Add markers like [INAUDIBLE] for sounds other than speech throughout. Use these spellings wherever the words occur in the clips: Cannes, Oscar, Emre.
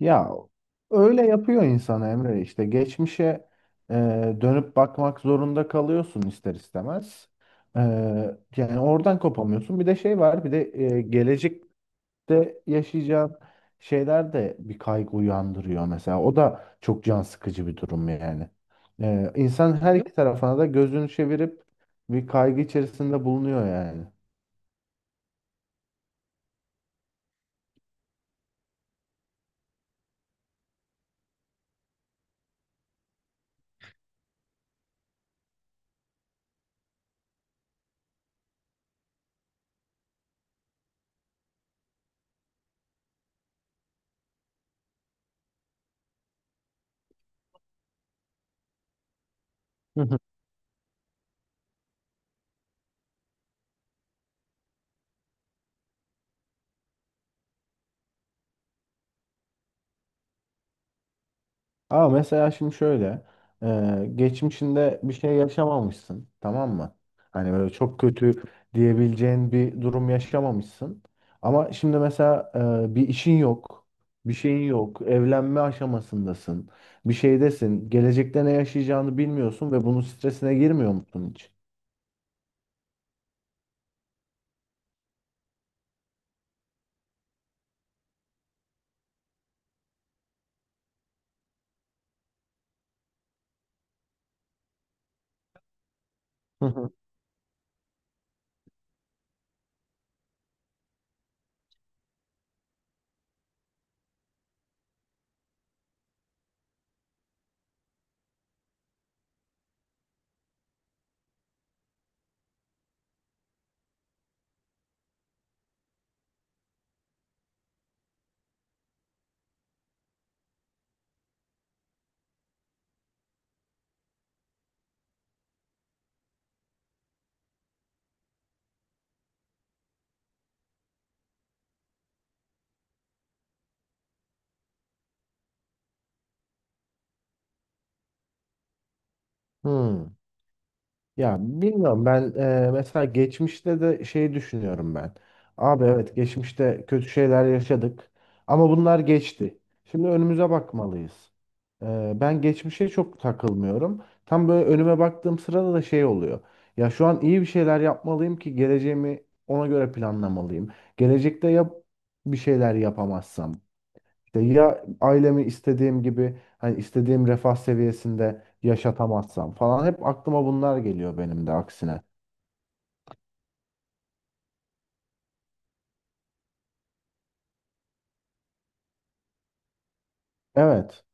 Ya öyle yapıyor insan Emre işte geçmişe e, dönüp bakmak zorunda kalıyorsun ister istemez. E, Yani oradan kopamıyorsun. Bir de şey var bir de gelecekte yaşayacağın şeyler de bir kaygı uyandırıyor mesela. O da çok can sıkıcı bir durum yani. İnsan her iki tarafına da gözünü çevirip bir kaygı içerisinde bulunuyor yani. Ama mesela şimdi şöyle, geçmişinde bir şey yaşamamışsın, tamam mı? Hani böyle çok kötü diyebileceğin bir durum yaşamamışsın. Ama şimdi mesela bir işin yok, bir şeyin yok, evlenme aşamasındasın, bir şeydesin, gelecekte ne yaşayacağını bilmiyorsun ve bunun stresine girmiyor musun hiç? Hı hı. Hmm. Ya bilmiyorum ben mesela geçmişte de şey düşünüyorum ben. Abi evet geçmişte kötü şeyler yaşadık ama bunlar geçti. Şimdi önümüze bakmalıyız. Ben geçmişe çok takılmıyorum. Tam böyle önüme baktığım sırada da şey oluyor. Ya şu an iyi bir şeyler yapmalıyım ki geleceğimi ona göre planlamalıyım. Gelecekte yap bir şeyler yapamazsam. İşte ya ailemi istediğim gibi hani istediğim refah seviyesinde yaşatamazsam falan hep aklıma bunlar geliyor benim de aksine. Evet.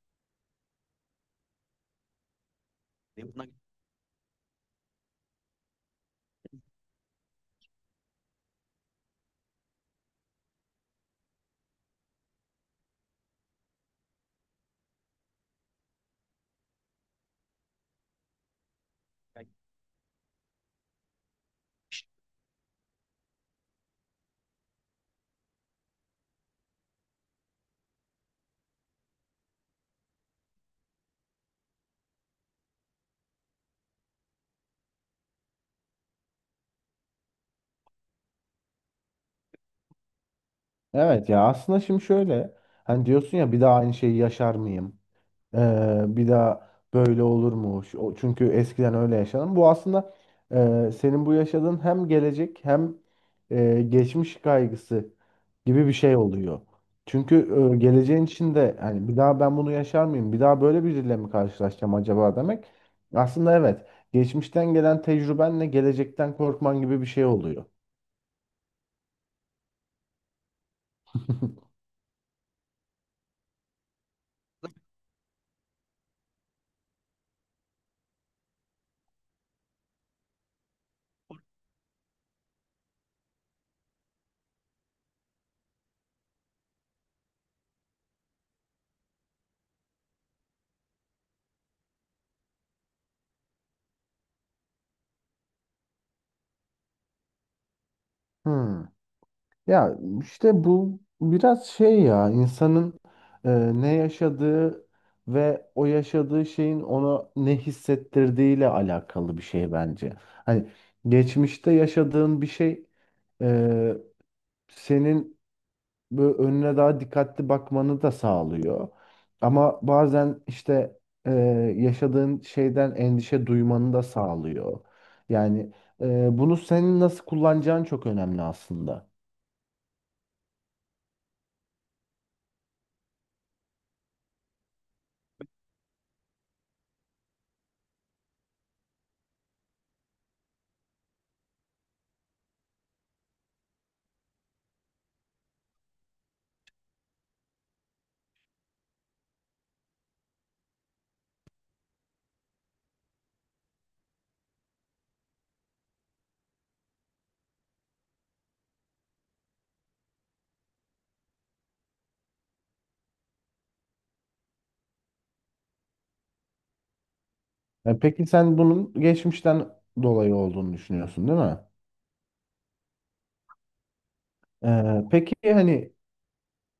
Evet ya aslında şimdi şöyle hani diyorsun ya bir daha aynı şeyi yaşar mıyım? Bir daha böyle olur mu? Çünkü eskiden öyle yaşadım. Bu aslında senin bu yaşadığın hem gelecek hem geçmiş kaygısı gibi bir şey oluyor. Çünkü geleceğin içinde hani bir daha ben bunu yaşar mıyım? Bir daha böyle biriyle mi karşılaşacağım acaba demek. Aslında evet. Geçmişten gelen tecrübenle gelecekten korkman gibi bir şey oluyor. Hmm. Ya işte bu biraz şey ya insanın e, ne yaşadığı ve o yaşadığı şeyin ona ne hissettirdiğiyle alakalı bir şey bence. Hani geçmişte yaşadığın bir şey e, senin böyle önüne daha dikkatli bakmanı da sağlıyor. Ama bazen işte e, yaşadığın şeyden endişe duymanı da sağlıyor. Yani bunu senin nasıl kullanacağın çok önemli aslında. Peki sen bunun geçmişten dolayı olduğunu düşünüyorsun, değil mi? Peki hani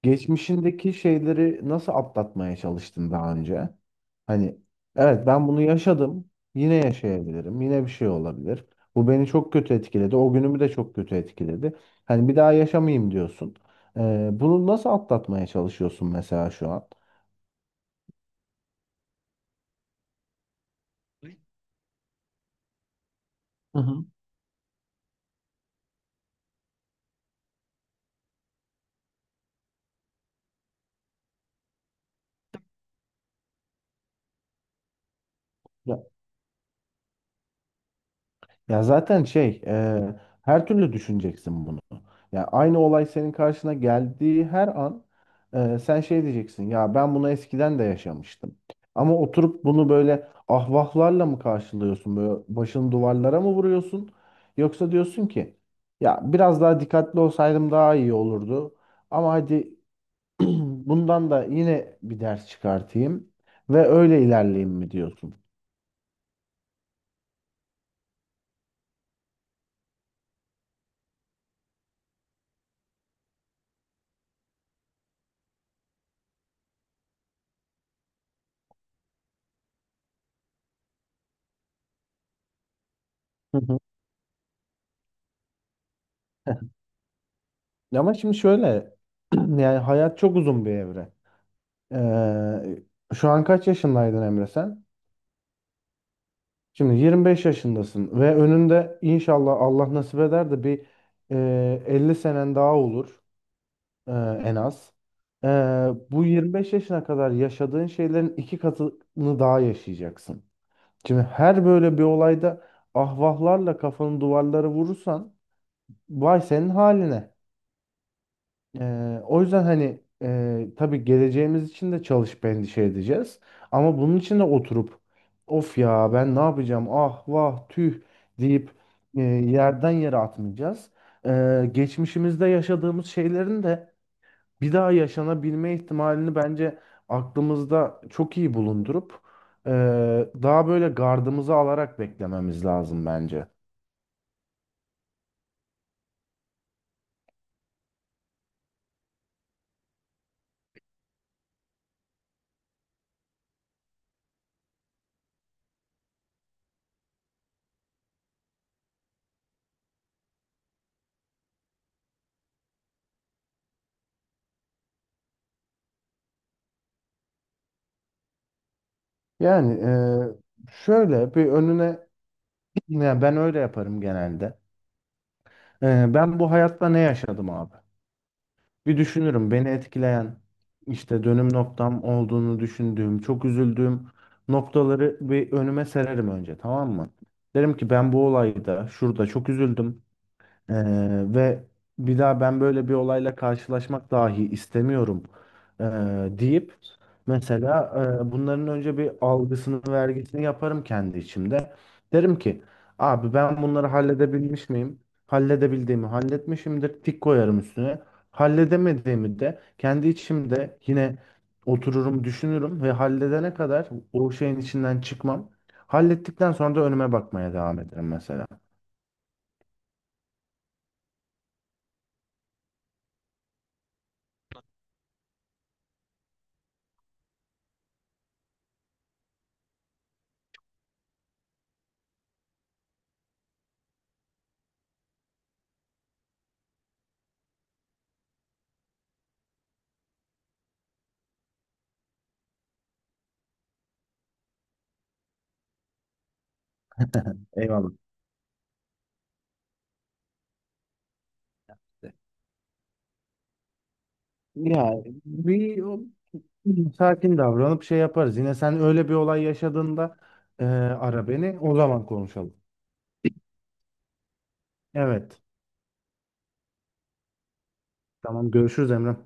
geçmişindeki şeyleri nasıl atlatmaya çalıştın daha önce? Hani evet ben bunu yaşadım, yine yaşayabilirim, yine bir şey olabilir. Bu beni çok kötü etkiledi, o günümü de çok kötü etkiledi. Hani bir daha yaşamayayım diyorsun. Bunu nasıl atlatmaya çalışıyorsun mesela şu an? Hı hı. Ya zaten şey, her türlü düşüneceksin bunu. Ya aynı olay senin karşına geldiği her an sen şey diyeceksin. Ya ben bunu eskiden de yaşamıştım. Ama oturup bunu böyle ahvahlarla mı karşılıyorsun? Böyle başını duvarlara mı vuruyorsun? Yoksa diyorsun ki ya biraz daha dikkatli olsaydım daha iyi olurdu. Ama hadi [CLEARS THROAT] bundan da yine bir ders çıkartayım ve öyle ilerleyeyim mi diyorsun? Hı hı. Ama şimdi şöyle [CLEARS THROAT] yani hayat çok uzun bir evre. Şu an kaç yaşındaydın Emre sen? Şimdi 25 yaşındasın ve önünde inşallah Allah nasip eder de 50 senen daha olur e, en az. Bu 25 yaşına kadar yaşadığın şeylerin 2 katını daha yaşayacaksın. Şimdi her böyle bir olayda ahvahlarla kafanın duvarları vurursan vay senin haline. O yüzden hani tabii geleceğimiz için de çalışıp endişe edeceğiz. Ama bunun için de oturup of ya ben ne yapacağım ah vah tüh deyip yerden yere atmayacağız. Geçmişimizde yaşadığımız şeylerin de bir daha yaşanabilme ihtimalini bence aklımızda çok iyi bulundurup e, daha böyle gardımızı alarak beklememiz lazım bence. Yani şöyle bir önüne [CLEARS THROAT] yani ben öyle yaparım genelde. Ben bu hayatta ne yaşadım abi? Bir düşünürüm beni etkileyen işte dönüm noktam olduğunu düşündüğüm, çok üzüldüğüm noktaları bir önüme sererim önce tamam mı? Derim ki ben bu olayda şurada çok üzüldüm. Ee, ve bir daha ben böyle bir olayla karşılaşmak dahi istemiyorum ee, deyip mesela bunların önce bir algısını vergisini yaparım kendi içimde. Derim ki abi ben bunları halledebilmiş miyim? Halledebildiğimi halletmişimdir. Tik koyarım üstüne. Halledemediğimi de kendi içimde yine otururum düşünürüm ve halledene kadar o şeyin içinden çıkmam. Hallettikten sonra da önüme bakmaya devam ederim mesela. Eyvallah. Ya bir o- sakin davranıp şey yaparız. Yine sen öyle bir olay yaşadığında ara beni. O zaman konuşalım. Evet. Tamam görüşürüz Emre.